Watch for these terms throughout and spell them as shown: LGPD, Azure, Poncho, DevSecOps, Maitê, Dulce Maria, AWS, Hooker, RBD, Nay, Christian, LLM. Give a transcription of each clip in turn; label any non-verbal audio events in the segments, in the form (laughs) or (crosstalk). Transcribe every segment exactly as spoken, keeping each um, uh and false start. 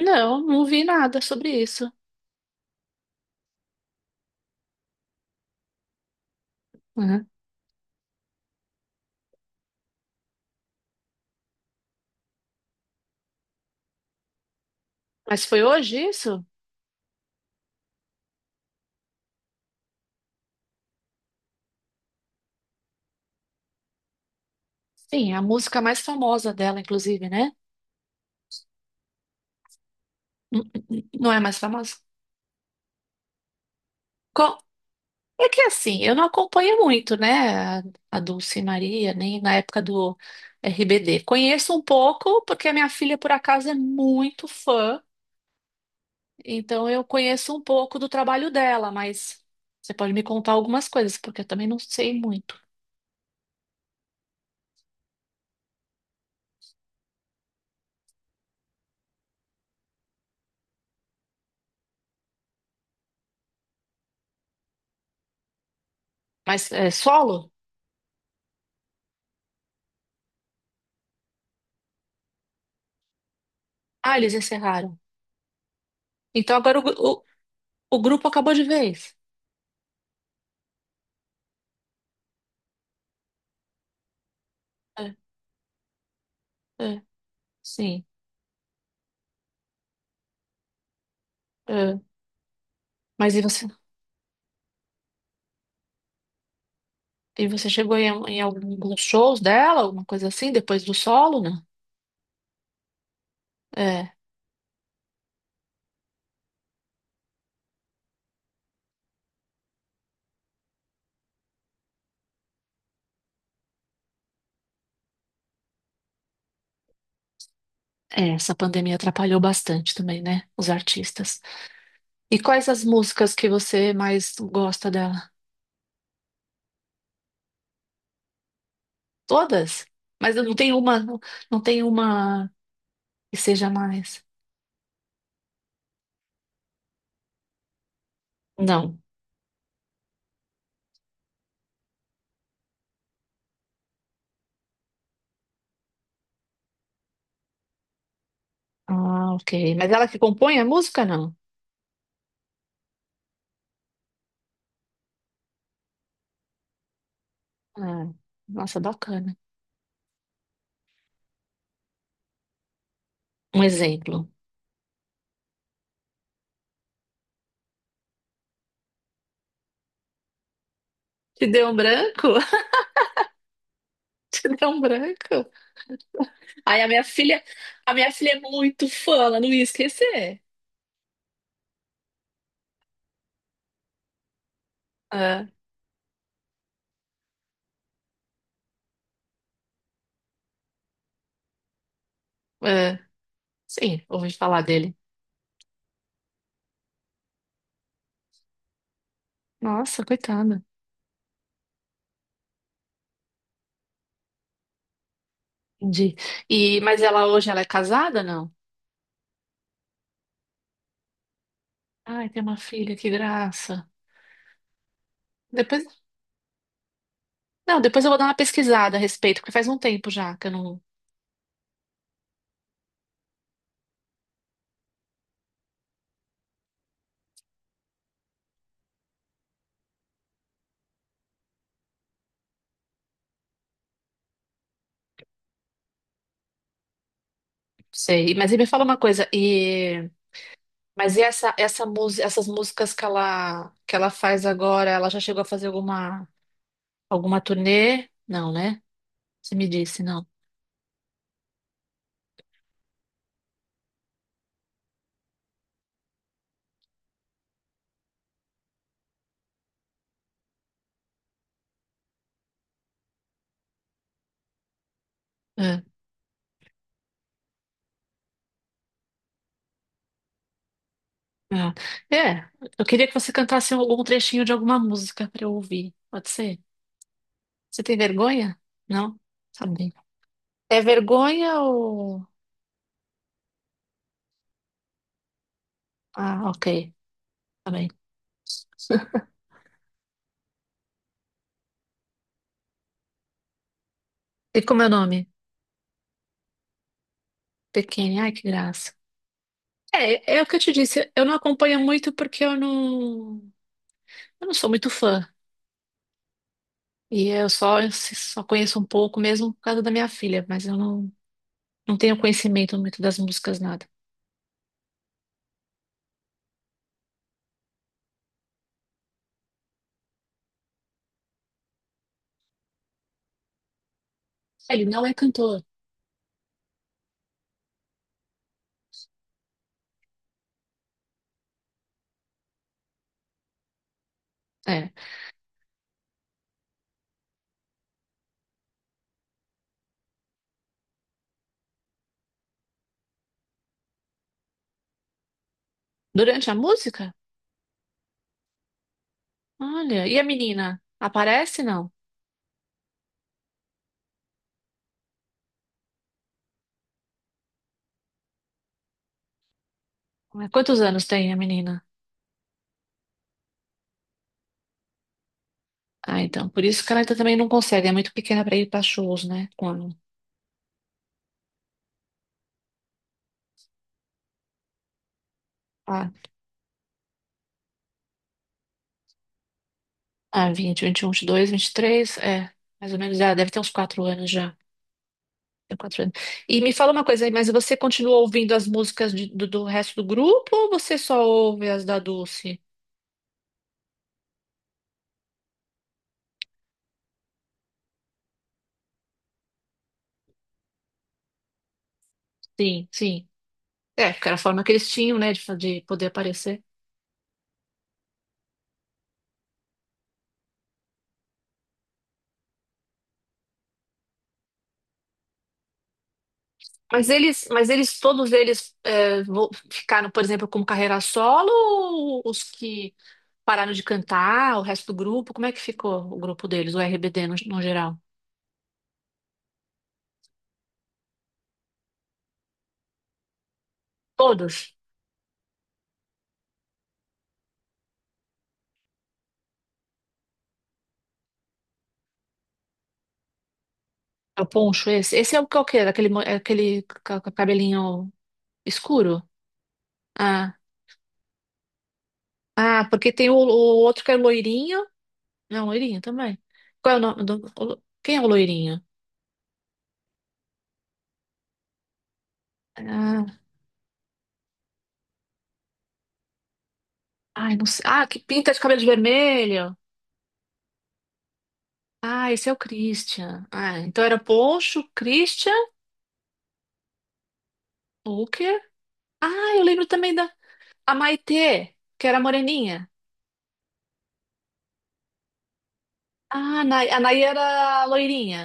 Não, não vi nada sobre isso. Uhum. Mas foi hoje isso? Sim, a música mais famosa dela, inclusive, né? N- n- Não é mais famosa? Co- É que assim, eu não acompanho muito, né? A, a Dulce Maria, nem na época do R B D. Conheço um pouco, porque a minha filha, por acaso, é muito fã. Então eu conheço um pouco do trabalho dela, mas você pode me contar algumas coisas, porque eu também não sei muito. Mas é solo? Ah, eles encerraram. Então agora o, o grupo acabou de vez. É, é, sim. É. Mas e você, e você chegou em, em alguns shows dela, alguma coisa assim, depois do solo, né? É. É, essa pandemia atrapalhou bastante também, né? Os artistas. E quais as músicas que você mais gosta dela? Todas? Mas não tem uma, não tem uma que seja mais. Não. Ah, ok. Mas ela que compõe a música, não? Ah, nossa, bacana. Um exemplo. Te deu um branco? (laughs) Te deu um branco? Aí a minha filha, a minha filha é muito fã, ela não ia esquecer. É, é, sim, ouvi falar dele. Nossa, coitada. Entendi. E, mas ela hoje ela é casada, não? Ai, tem uma filha, que graça. Depois, não, depois eu vou dar uma pesquisada a respeito, porque faz um tempo já que eu não sei. Mas e me fala uma coisa, e mas e essa essa música, essas músicas que ela que ela faz agora, ela já chegou a fazer alguma alguma turnê? Não, né? Você me disse, não. É. Ah, é, eu queria que você cantasse algum trechinho de alguma música para eu ouvir. Pode ser? Você tem vergonha? Não? Tá bem. É vergonha ou. Ah, ok. Tá bem. (laughs) E como é o nome? Pequena. Ai, que graça. É, é o que eu te disse. Eu não acompanho muito porque eu não. Eu não sou muito fã. E eu só, eu só conheço um pouco mesmo por causa da minha filha, mas eu não, não tenho conhecimento muito das músicas, nada. Ele não é cantor. É. Durante a música? Olha, e a menina? Aparece, não? Quantos anos tem a menina? Ah, então, por isso que ela ainda também não consegue, é muito pequena para ir para shows, né? Quando? Ah, ah, vinte, vinte e um, vinte e dois, vinte e três, é, mais ou menos, já deve ter uns quatro anos já. Tem quatro anos. E me fala uma coisa aí, mas você continua ouvindo as músicas de- do, do resto do grupo ou você só ouve as da Dulce? Sim, sim. É, porque era a forma que eles tinham, né, de, fa- de poder aparecer. Mas eles, mas eles, todos eles é, vo- ficaram, por exemplo, como carreira solo, ou os que pararam de cantar, o resto do grupo, como é que ficou o grupo deles, o R B D no, no geral? Todos? É o poncho esse? Esse é o que é o quê? Aquele, mo- é aquele ca- ca- cabelinho escuro? Ah, ah, porque tem o, o outro que é loirinho. Não, loirinho também. Qual é o nome do... o- Quem é o loirinho? Ah, ai, não sei. Ah, que pinta de cabelo de vermelho. Ah, esse é o Christian. Ah, então era Poncho, Christian, Hooker. Ah, eu lembro também da a Maitê, que era moreninha. Ah, a Nay, a Nay era loirinha.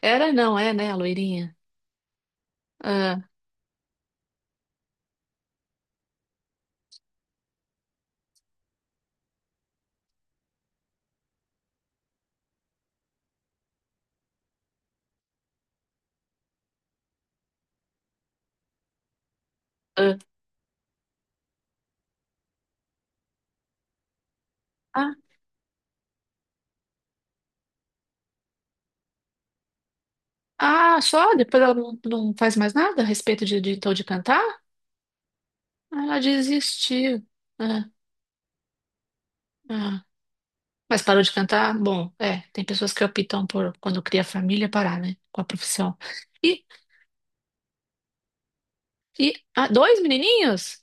Era, não, é, né, a loirinha. Ah, ah, ah, ah, só? Depois ela não, não faz mais nada a respeito de, de, então, de cantar? Ah, ela desistiu. Ah, ah. Mas parou de cantar? Bom, é, tem pessoas que optam por, quando cria família, parar, né, com a profissão. E, e ah, dois menininhos?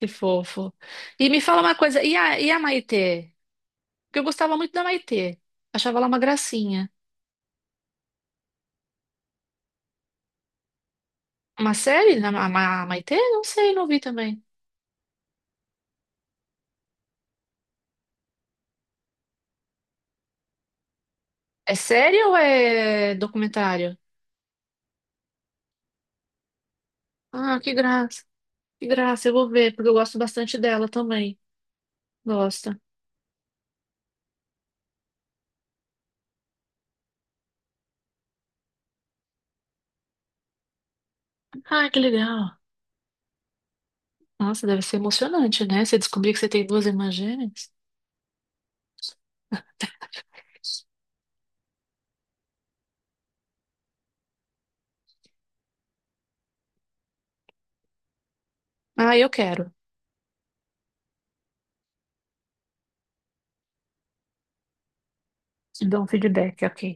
Que fofo. E me fala uma coisa, e a, e a Maitê? Porque eu gostava muito da Maitê. Achava ela uma gracinha. Uma série? na- A Ma- a Maitê? Não sei, não vi também. É série ou é documentário? Ah, que graça. Que graça, eu vou ver, porque eu gosto bastante dela também. Gosta. Ah, que legal. Nossa, deve ser emocionante, né? Você descobrir que você tem duas irmãs gêmeas. Ah, eu quero. Te dou um feedback, ok.